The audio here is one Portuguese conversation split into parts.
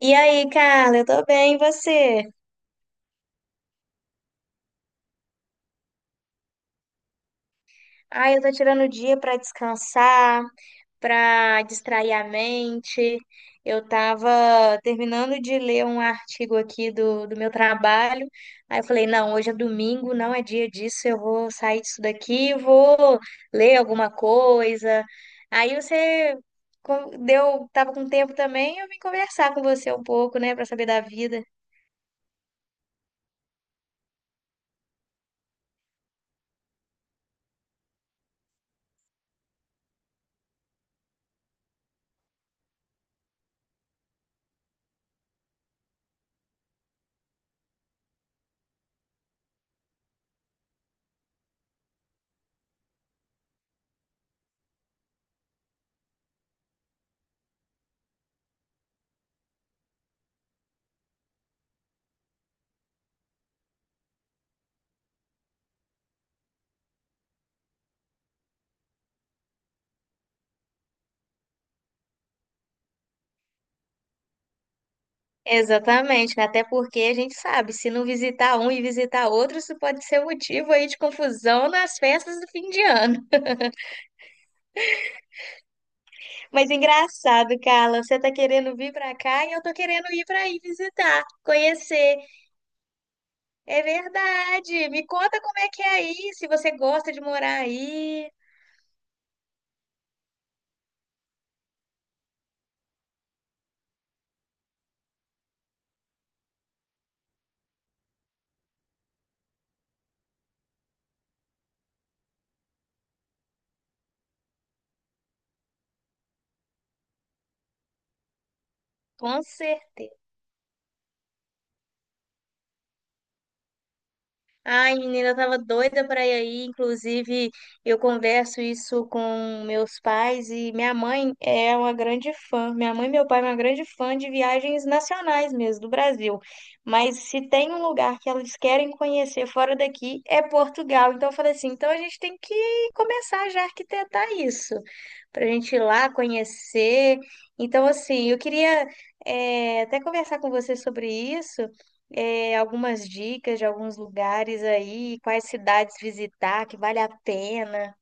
E aí, Carla, eu tô bem, e você? Ai, eu tô tirando o dia pra descansar, pra distrair a mente. Eu tava terminando de ler um artigo aqui do meu trabalho. Aí eu falei, não, hoje é domingo, não é dia disso, eu vou sair disso daqui, vou ler alguma coisa. Aí você deu, tava com tempo também, eu vim conversar com você um pouco, né, pra saber da vida. Exatamente, né? Até porque a gente sabe, se não visitar um e visitar outro, isso pode ser motivo aí de confusão nas festas do fim de ano. Mas engraçado, Carla, você tá querendo vir pra cá e eu tô querendo ir pra aí visitar, conhecer. É verdade. Me conta como é que é aí, se você gosta de morar aí. Com certeza. Ai, menina, eu tava doida para ir aí. Inclusive, eu converso isso com meus pais e minha mãe é uma grande fã. Minha mãe e meu pai é uma grande fã de viagens nacionais mesmo, do Brasil. Mas se tem um lugar que eles querem conhecer fora daqui, é Portugal. Então eu falei assim, então a gente tem que começar já a arquitetar isso, para a gente ir lá conhecer. Então, assim, eu queria até conversar com você sobre isso, é, algumas dicas de alguns lugares aí, quais cidades visitar que vale a pena.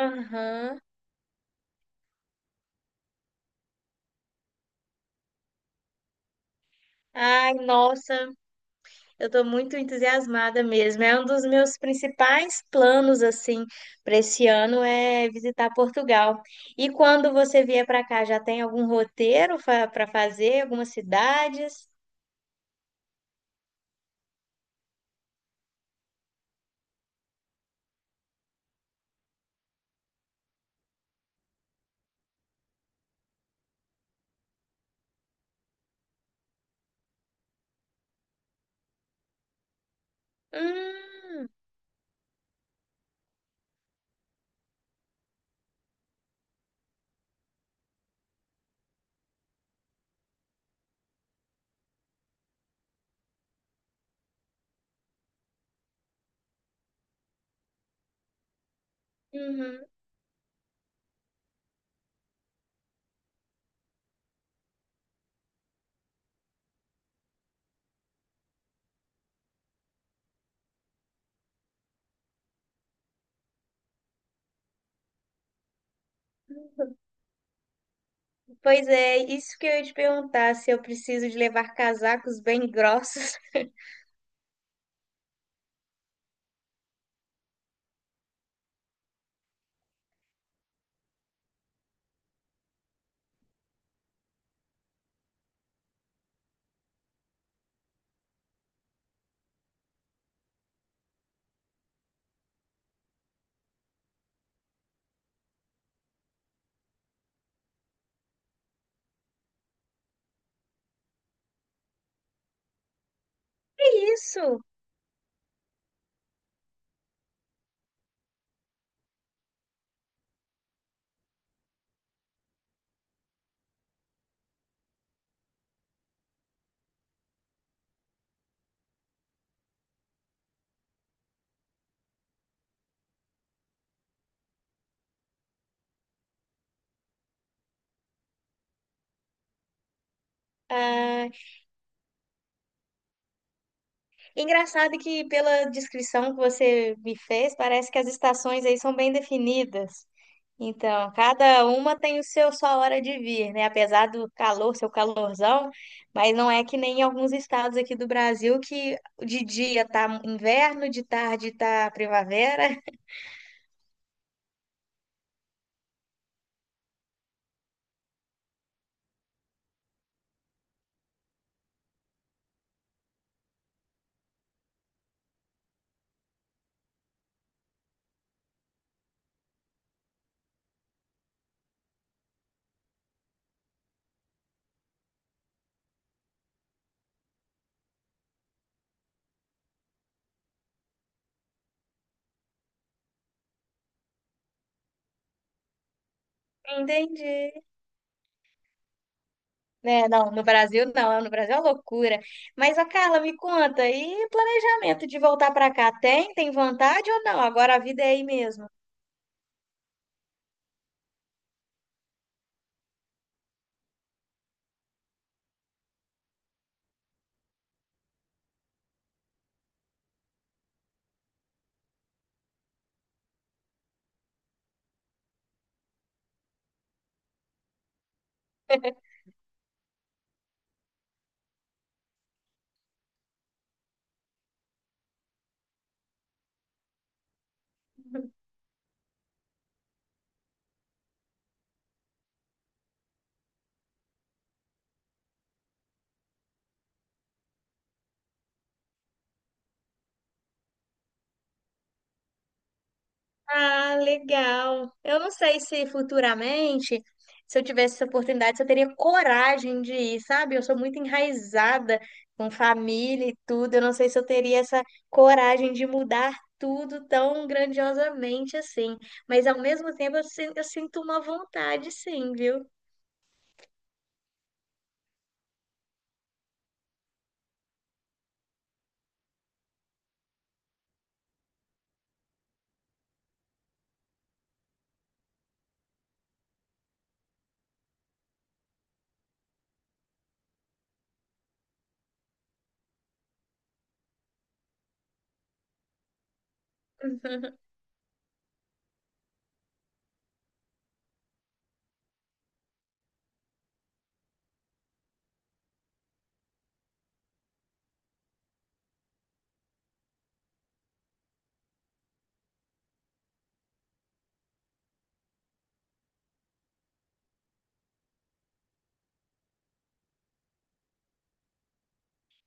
Aham. Ai, nossa, eu tô muito entusiasmada mesmo. É um dos meus principais planos, assim, para esse ano é visitar Portugal. E quando você vier para cá, já tem algum roteiro para fazer, algumas cidades? Hum. Uhum. Pois é, isso que eu ia te perguntar, se eu preciso de levar casacos bem grossos. Que isso? Ah, engraçado que pela descrição que você me fez, parece que as estações aí são bem definidas. Então, cada uma tem o seu, sua hora de vir, né? Apesar do calor, seu calorzão, mas não é que nem em alguns estados aqui do Brasil que de dia tá inverno, de tarde tá primavera. Entendi. Né, não, no Brasil não, no Brasil é uma loucura. Mas a Carla, me conta, e planejamento de voltar para cá tem? Tem vontade ou não? Agora a vida é aí mesmo. Ah, legal. Eu não sei se futuramente, se eu tivesse essa oportunidade, se eu teria coragem de ir, sabe? Eu sou muito enraizada com família e tudo. Eu não sei se eu teria essa coragem de mudar tudo tão grandiosamente assim. Mas ao mesmo tempo, eu, eu sinto uma vontade, sim, viu?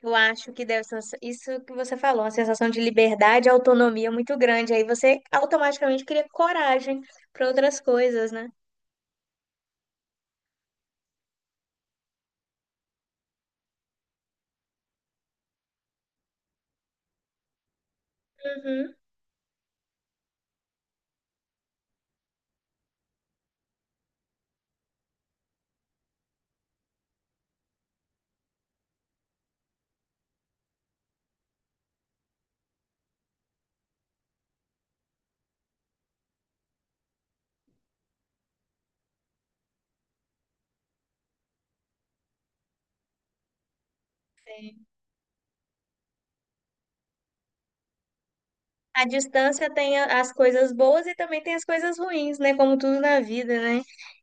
Eu acho que deve ser isso que você falou, uma sensação de liberdade e autonomia muito grande. Aí você automaticamente cria coragem para outras coisas, né? Uhum. A distância tem as coisas boas e também tem as coisas ruins, né? Como tudo na vida, né?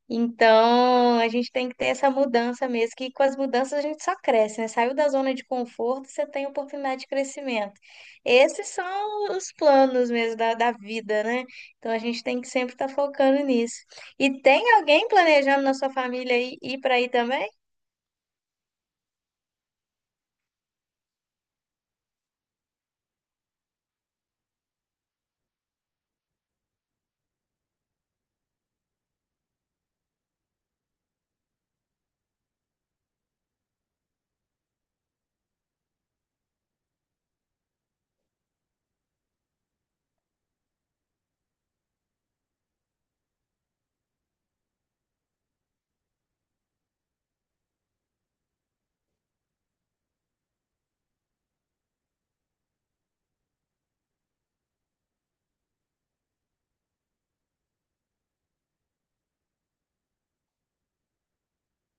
Então, a gente tem que ter essa mudança mesmo, que com as mudanças a gente só cresce, né? Saiu da zona de conforto, você tem oportunidade de crescimento. Esses são os planos mesmo da vida, né? Então, a gente tem que sempre estar focando nisso. E tem alguém planejando na sua família ir, ir para aí também?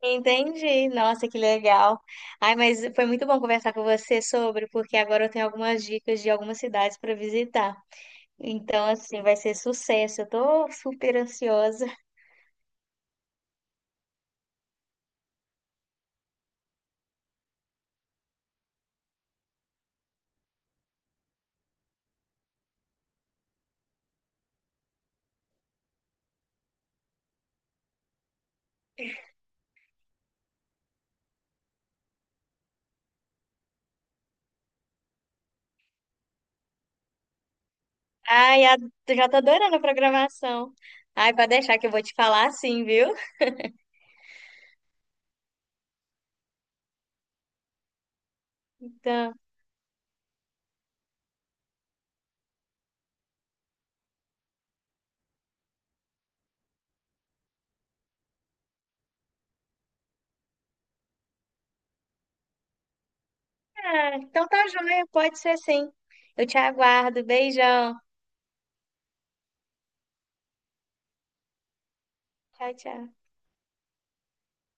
Entendi. Nossa, que legal. Ai, mas foi muito bom conversar com você sobre, porque agora eu tenho algumas dicas de algumas cidades para visitar. Então, assim, vai ser sucesso. Eu tô super ansiosa. Ai, eu já tô adorando a programação. Ai, pode deixar que eu vou te falar sim, viu? Então, ah, então tá joia, pode ser sim. Eu te aguardo. Beijão. Tchau, tchau.